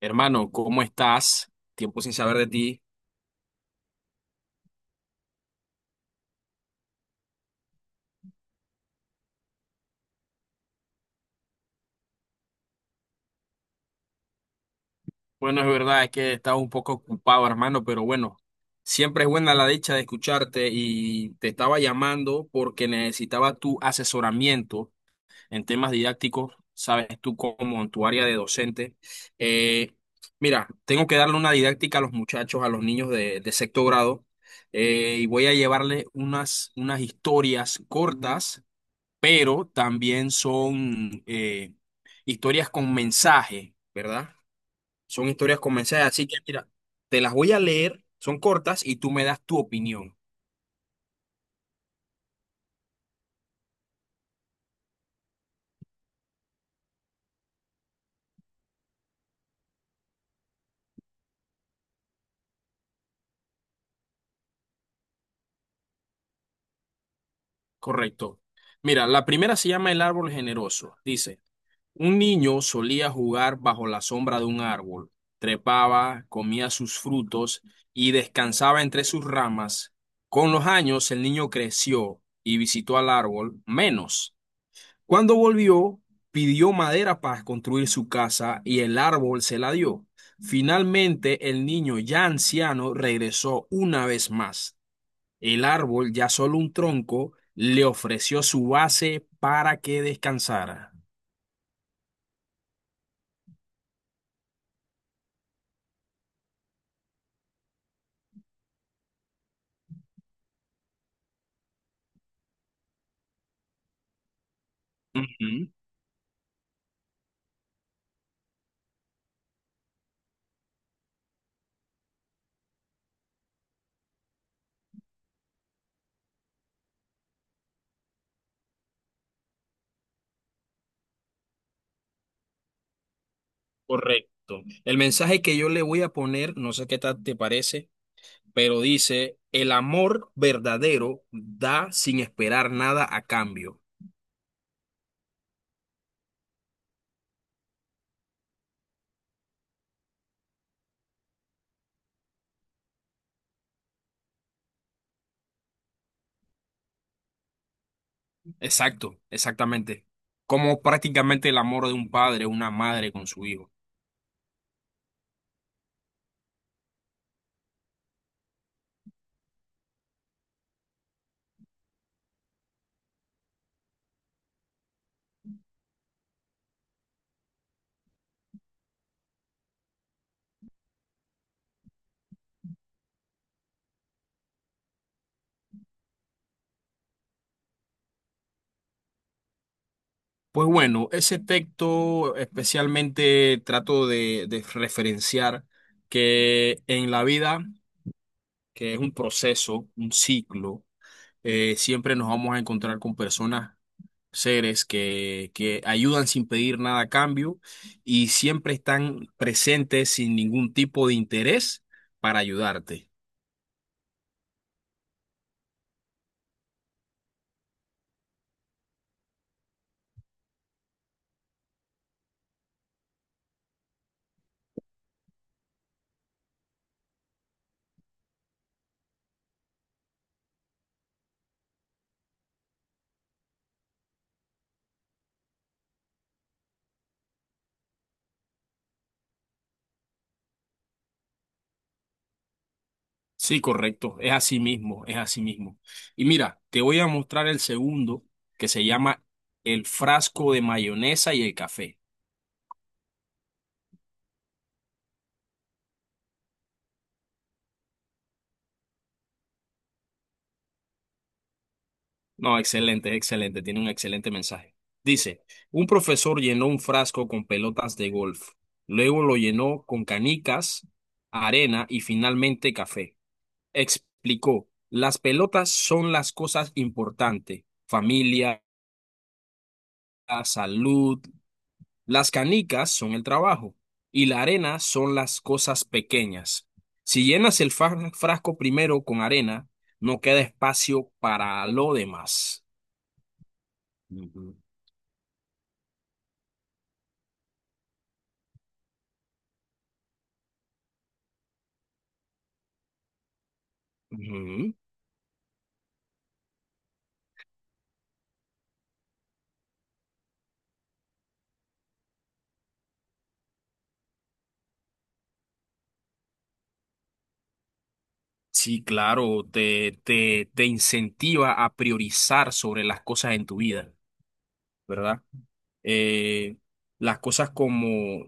Hermano, ¿cómo estás? Tiempo sin saber de ti. Bueno, es verdad, es que estaba un poco ocupado, hermano, pero bueno, siempre es buena la dicha de escucharte y te estaba llamando porque necesitaba tu asesoramiento en temas didácticos, sabes tú como en tu área de docente. Eh, Mira, tengo que darle una didáctica a los muchachos, a los niños de sexto grado, y voy a llevarle unas historias cortas, pero también son historias con mensaje, ¿verdad? Son historias con mensaje, así que mira, te las voy a leer, son cortas y tú me das tu opinión, correcto. Mira, la primera se llama El árbol generoso. Dice, un niño solía jugar bajo la sombra de un árbol, trepaba, comía sus frutos y descansaba entre sus ramas. Con los años el niño creció y visitó al árbol menos. Cuando volvió, pidió madera para construir su casa y el árbol se la dio. Finalmente, el niño ya anciano regresó una vez más. El árbol, ya solo un tronco, le ofreció su base para que descansara. Ujú, correcto. El mensaje que yo le voy a poner, no sé qué tal te parece, pero dice, el amor verdadero da sin esperar nada a cambio. Exacto, exactamente. Como prácticamente el amor de un padre, una madre con su hijo. Pues bueno, ese texto especialmente trato de referenciar que en la vida, que es un proceso, un ciclo, siempre nos vamos a encontrar con personas, seres que ayudan sin pedir nada a cambio y siempre están presentes sin ningún tipo de interés para ayudarte. Sí, correcto, es así mismo, es así mismo. Y mira, te voy a mostrar el segundo, que se llama el frasco de mayonesa y el café. No, excelente, excelente, tiene un excelente mensaje. Dice, un profesor llenó un frasco con pelotas de golf, luego lo llenó con canicas, arena y finalmente café. Explicó, las pelotas son las cosas importantes, familia, salud, las canicas son el trabajo y la arena son las cosas pequeñas. Si llenas el frasco primero con arena, no queda espacio para lo demás. Ujú. Ujú. Sí, claro, te incentiva a priorizar sobre las cosas en tu vida, ¿verdad? Eh, las cosas como...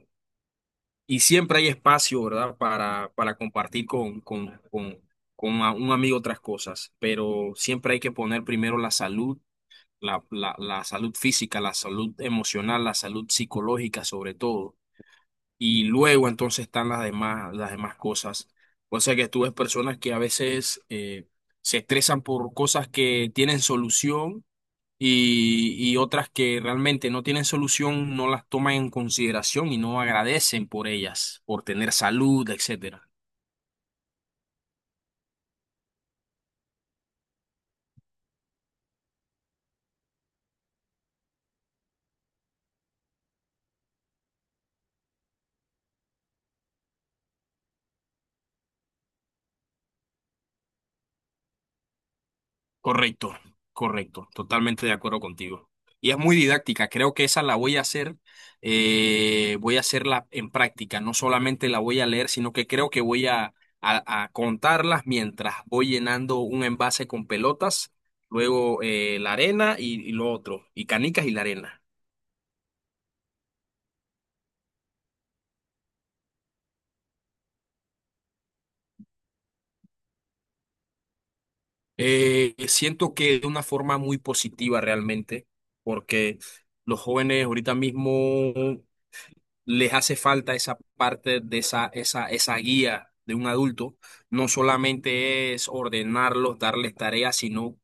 Y siempre hay espacio, ¿verdad? Para compartir con un amigo otras cosas, pero siempre hay que poner primero la salud, la salud física, la salud emocional, la salud psicológica sobre todo. Y luego entonces están las demás cosas. O sea que tú ves personas que a veces se estresan por cosas que tienen solución y otras que realmente no tienen solución, no las toman en consideración y no agradecen por ellas, por tener salud, etcétera. Correcto, correcto, totalmente de acuerdo contigo. Y es muy didáctica, creo que esa la voy a hacer, voy a hacerla en práctica, no solamente la voy a leer, sino que creo que voy a, a contarlas mientras voy llenando un envase con pelotas, luego la arena y lo otro, y canicas y la arena. Siento que de una forma muy positiva realmente, porque los jóvenes ahorita mismo les hace falta esa parte de esa guía de un adulto. No solamente es ordenarlos, darles tareas, sino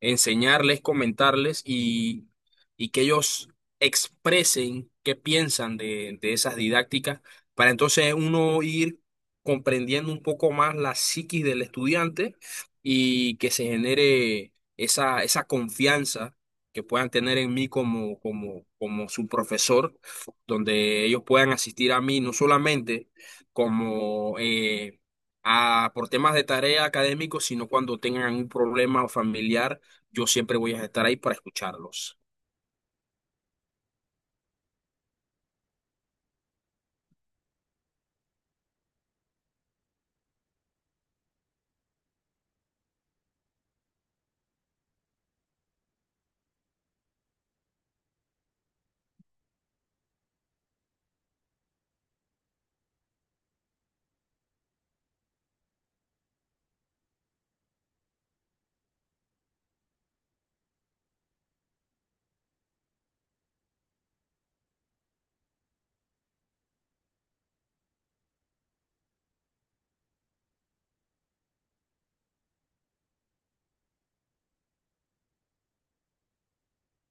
enseñarles, comentarles y que ellos expresen qué piensan de esas didácticas, para entonces uno ir comprendiendo un poco más la psiquis del estudiante y que se genere esa confianza que puedan tener en mí como su profesor, donde ellos puedan asistir a mí no solamente como... por temas de tarea académicos, sino cuando tengan un problema familiar yo siempre voy a estar ahí para escucharlos.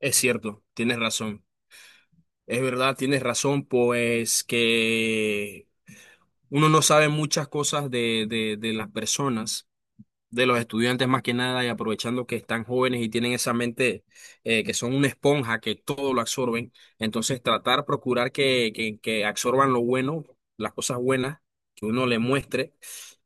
Es cierto, tienes razón. Es verdad, tienes razón, pues que uno no sabe muchas cosas de las personas, de los estudiantes más que nada, y aprovechando que están jóvenes y tienen esa mente que son una esponja, que todo lo absorben. Entonces tratar, procurar que absorban lo bueno, las cosas buenas que uno le muestre,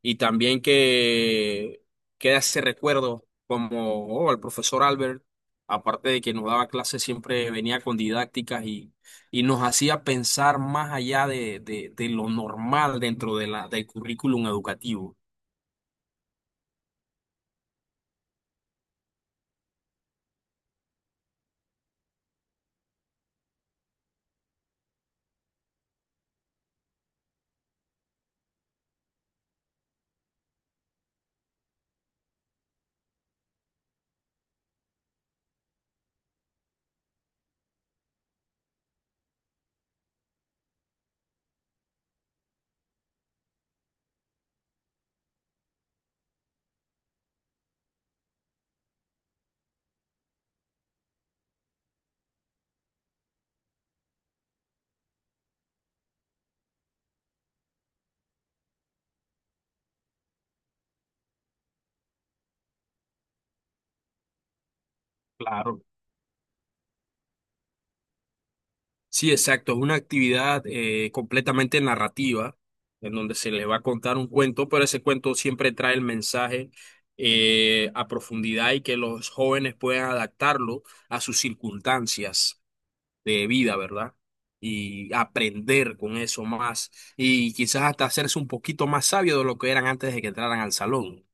y también que quede ese recuerdo como oh, el profesor Albert, aparte de que nos daba clases, siempre venía con didácticas y nos hacía pensar más allá de lo normal dentro de la, del currículum educativo. Claro. Sí, exacto. Es una actividad completamente narrativa, en donde se les va a contar un cuento, pero ese cuento siempre trae el mensaje a profundidad y que los jóvenes puedan adaptarlo a sus circunstancias de vida, ¿verdad? Y aprender con eso más y quizás hasta hacerse un poquito más sabio de lo que eran antes de que entraran al salón.